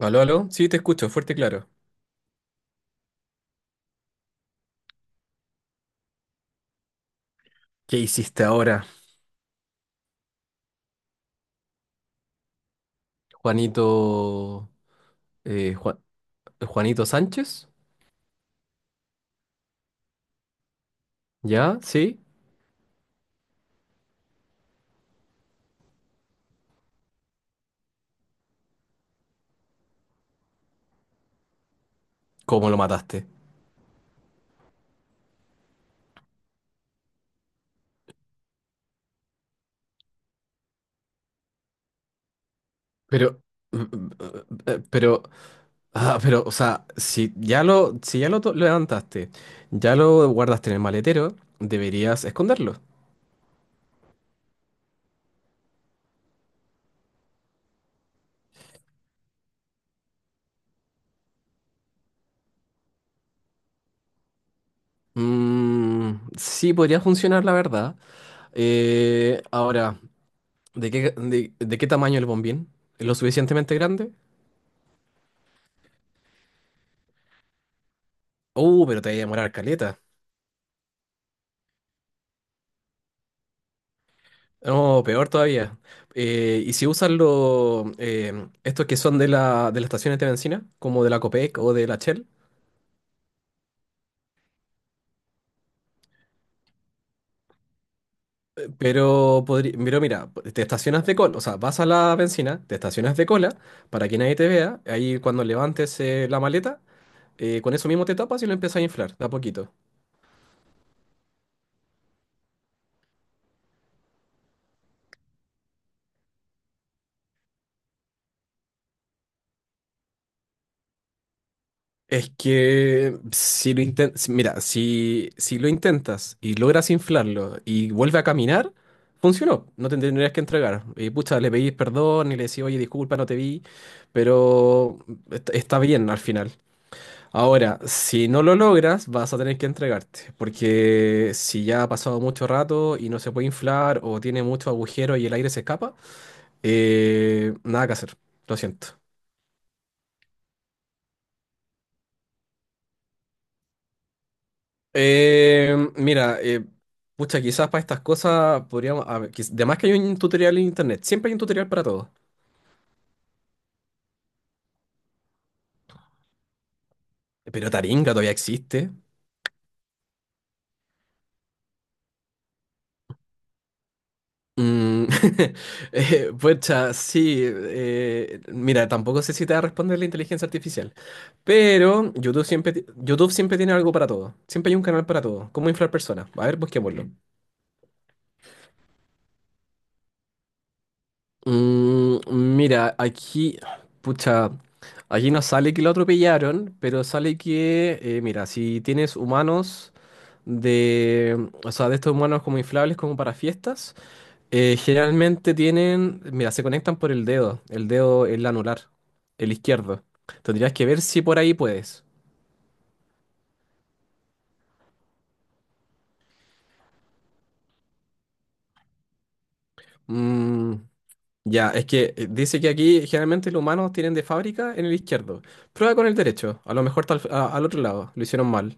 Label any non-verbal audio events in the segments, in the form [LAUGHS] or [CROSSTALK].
Aló, aló. Sí, te escucho, fuerte y claro. ¿Qué hiciste ahora? Juanito, eh, Juan- Juanito Sánchez, ¿ya? ¿Sí? ¿Cómo lo mataste? Pero, mm, mm, eh, pero, pero, o sea, si ya lo lo levantaste, ya lo guardaste en el maletero, deberías esconderlo. Sí, podría funcionar, la verdad. Ahora, de qué tamaño el bombín? ¿Lo suficientemente grande? Pero te voy a demorar caleta. No, peor todavía. ¿Y si usan los estos que son de de las estaciones de bencina, como de la Copec o de la Shell? Pero mira, te estacionas de cola, o sea, vas a la bencina, te estacionas de cola para que nadie te vea, ahí cuando levantes la maleta, con eso mismo te tapas y lo empiezas a inflar, de a poquito. Es que si lo intentas, mira, si lo intentas y logras inflarlo y vuelve a caminar, funcionó, no te tendrías que entregar. Y pucha, le pedís perdón y le decís, oye, disculpa, no te vi, pero está bien al final. Ahora, si no lo logras, vas a tener que entregarte, porque si ya ha pasado mucho rato y no se puede inflar o tiene mucho agujero y el aire se escapa, nada que hacer, lo siento. Mira, pucha, quizás para estas cosas podríamos. A ver, además que hay un tutorial en internet, siempre hay un tutorial para todo. Pero Taringa todavía existe. Mm. [LAUGHS] Pucha, sí. Mira, tampoco sé si te va a responder la inteligencia artificial. Pero YouTube siempre tiene algo para todo. Siempre hay un canal para todo. Cómo inflar personas. A ver, busquémoslo. Mira, aquí, pucha, aquí no sale que lo atropellaron, pero sale que, mira, si tienes humanos de, o sea, de estos humanos como inflables como para fiestas, generalmente tienen, mira, se conectan por el dedo, el anular, el izquierdo. Tendrías que ver si por ahí puedes. Mm, ya, es que dice que aquí generalmente los humanos tienen de fábrica en el izquierdo. Prueba con el derecho, a lo mejor al otro lado, lo hicieron mal.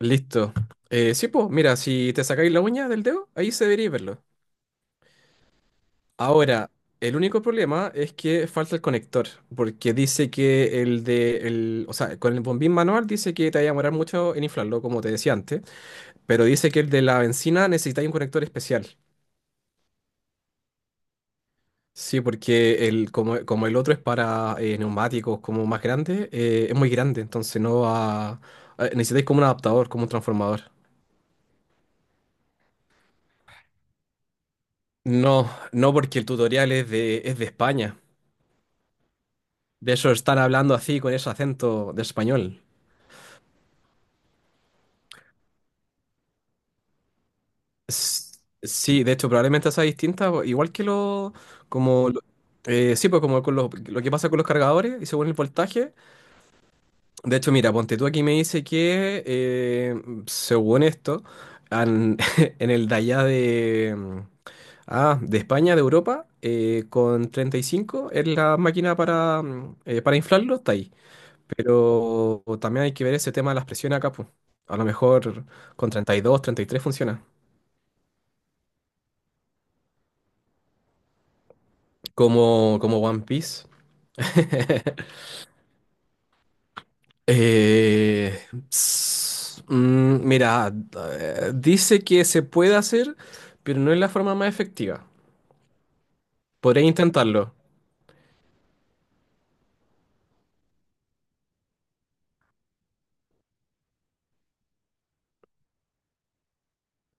Listo. Sí, pues, mira, si te sacáis la uña del dedo, ahí se debería verlo. Ahora, el único problema es que falta el conector, porque dice que o sea, con el bombín manual dice que te va a demorar mucho en inflarlo, como te decía antes, pero dice que el de la benzina necesitáis un conector especial. Sí, porque como el otro es para neumáticos como más grande, es muy grande, entonces no va. Necesitáis como un adaptador, como un transformador. No, no porque el tutorial es de España. De eso están hablando así con ese acento de español. S- Sí, de hecho, probablemente sea distinta, po- igual que lo, como, lo- sí, pues como con lo que pasa con los cargadores y según el voltaje. De hecho, mira, ponte tú aquí me dice que, según esto, an- [LAUGHS] en el de allá de España, de Europa, con 35 es la máquina para, para inflarlo, está ahí. Pero también hay que ver ese tema de las presiones acá, pues. A lo mejor con 30, 32, 33 funciona. Como One Piece. [LAUGHS] Eh, Mira, dice que se puede hacer, pero no es la forma más efectiva. Podría intentarlo.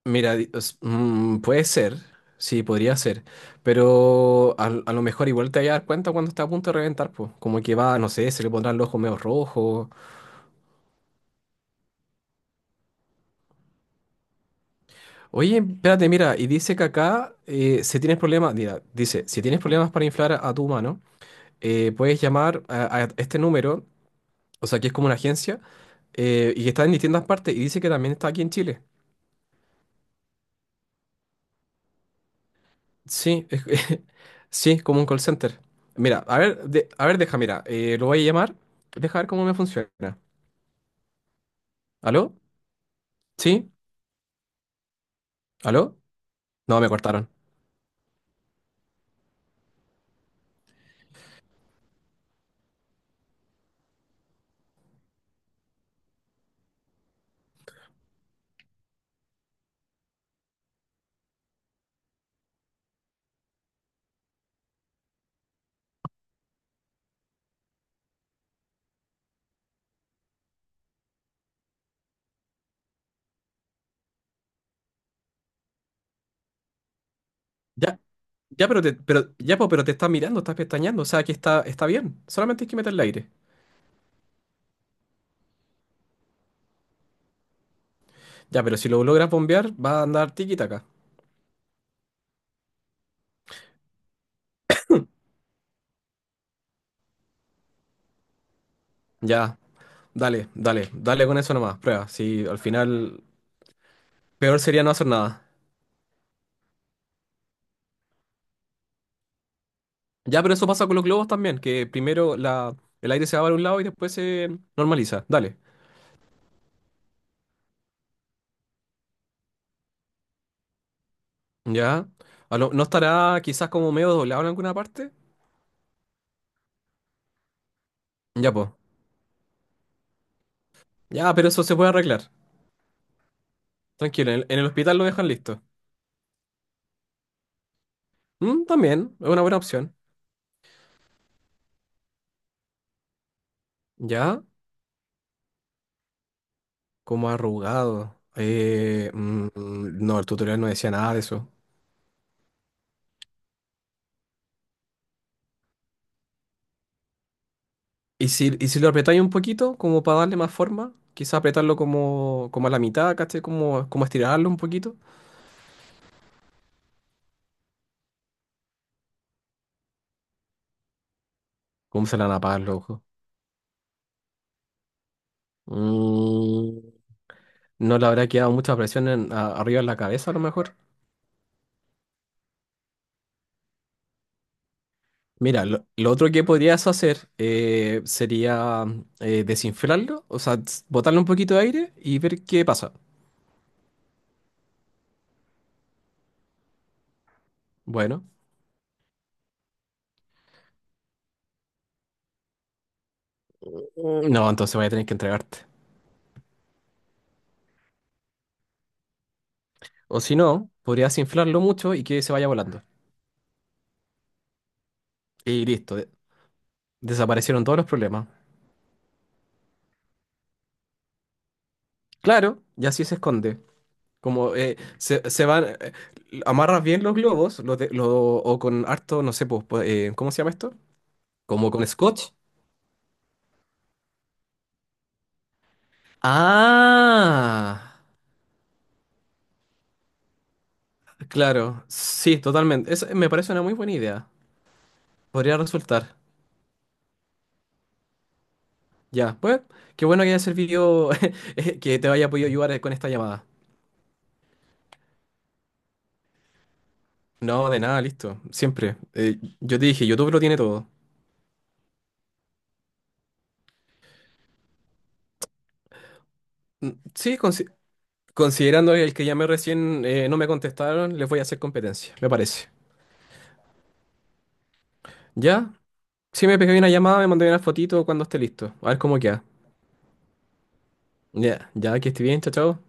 Mira, puede ser. Sí, podría ser. Pero a lo mejor igual te vas a dar cuenta cuando está a punto de reventar, pues. Como que va, no sé, se le pondrán los ojos medio rojos. Oye, espérate, mira, y dice que acá, si tienes problemas, mira, dice, si tienes problemas para inflar a tu humano, puedes llamar a este número, o sea, que es como una agencia, y que está en distintas partes, y dice que también está aquí en Chile. Sí, es, [LAUGHS] sí, es como un call center. Mira, a ver, a ver, deja, mira, lo voy a llamar, deja ver cómo me funciona. ¿Aló? ¿Sí? ¿Aló? No, me cortaron. Ya, ya, pero te, pero, ya, po, pero te está mirando, estás pestañeando, o sea, que está, bien, solamente hay que meterle aire. Ya, pero si lo logras bombear, va a andar tiki-taka. Ya, dale, dale, dale con eso nomás, prueba. Si al final peor sería no hacer nada. Ya, pero eso pasa con los globos también, que primero el aire se va para un lado y después se normaliza. Dale. Ya. ¿No estará quizás como medio doblado en alguna parte? Ya, pues. Ya, pero eso se puede arreglar. Tranquilo, en el hospital lo dejan listo. Mm, también, es una buena opción. Ya, como arrugado. No, el tutorial no decía nada de eso. ¿Y si lo apretáis un poquito, como para darle más forma? Quizá apretarlo como a la mitad, ¿cachai? Como estirarlo un poquito. ¿Cómo se le van a apagar los ojos? Mm, no le habrá quedado mucha presión arriba en la cabeza, a lo mejor. Mira, lo otro que podrías hacer sería desinflarlo, o sea, botarle un poquito de aire y ver qué pasa. Bueno, no, entonces voy a tener que entregarte. O si no, podrías inflarlo mucho y que se vaya volando. Y listo, desaparecieron todos los problemas. Claro, y así se esconde. Como amarras bien los globos, o con harto, no sé, pues, ¿cómo se llama esto? Como con scotch. Ah, claro, sí, totalmente. Eso me parece una muy buena idea. Podría resultar. Ya, pues, qué bueno que haya servido, [LAUGHS] que te haya podido ayudar con esta llamada. No, de nada, listo, siempre. Yo te dije, YouTube lo tiene todo. Sí, considerando el que llamé recién, no me contestaron, les voy a hacer competencia, me parece. Ya, sí me pegué una llamada, me mandé una fotito cuando esté listo. A ver cómo queda. Ya, ya que esté bien, chao, chao.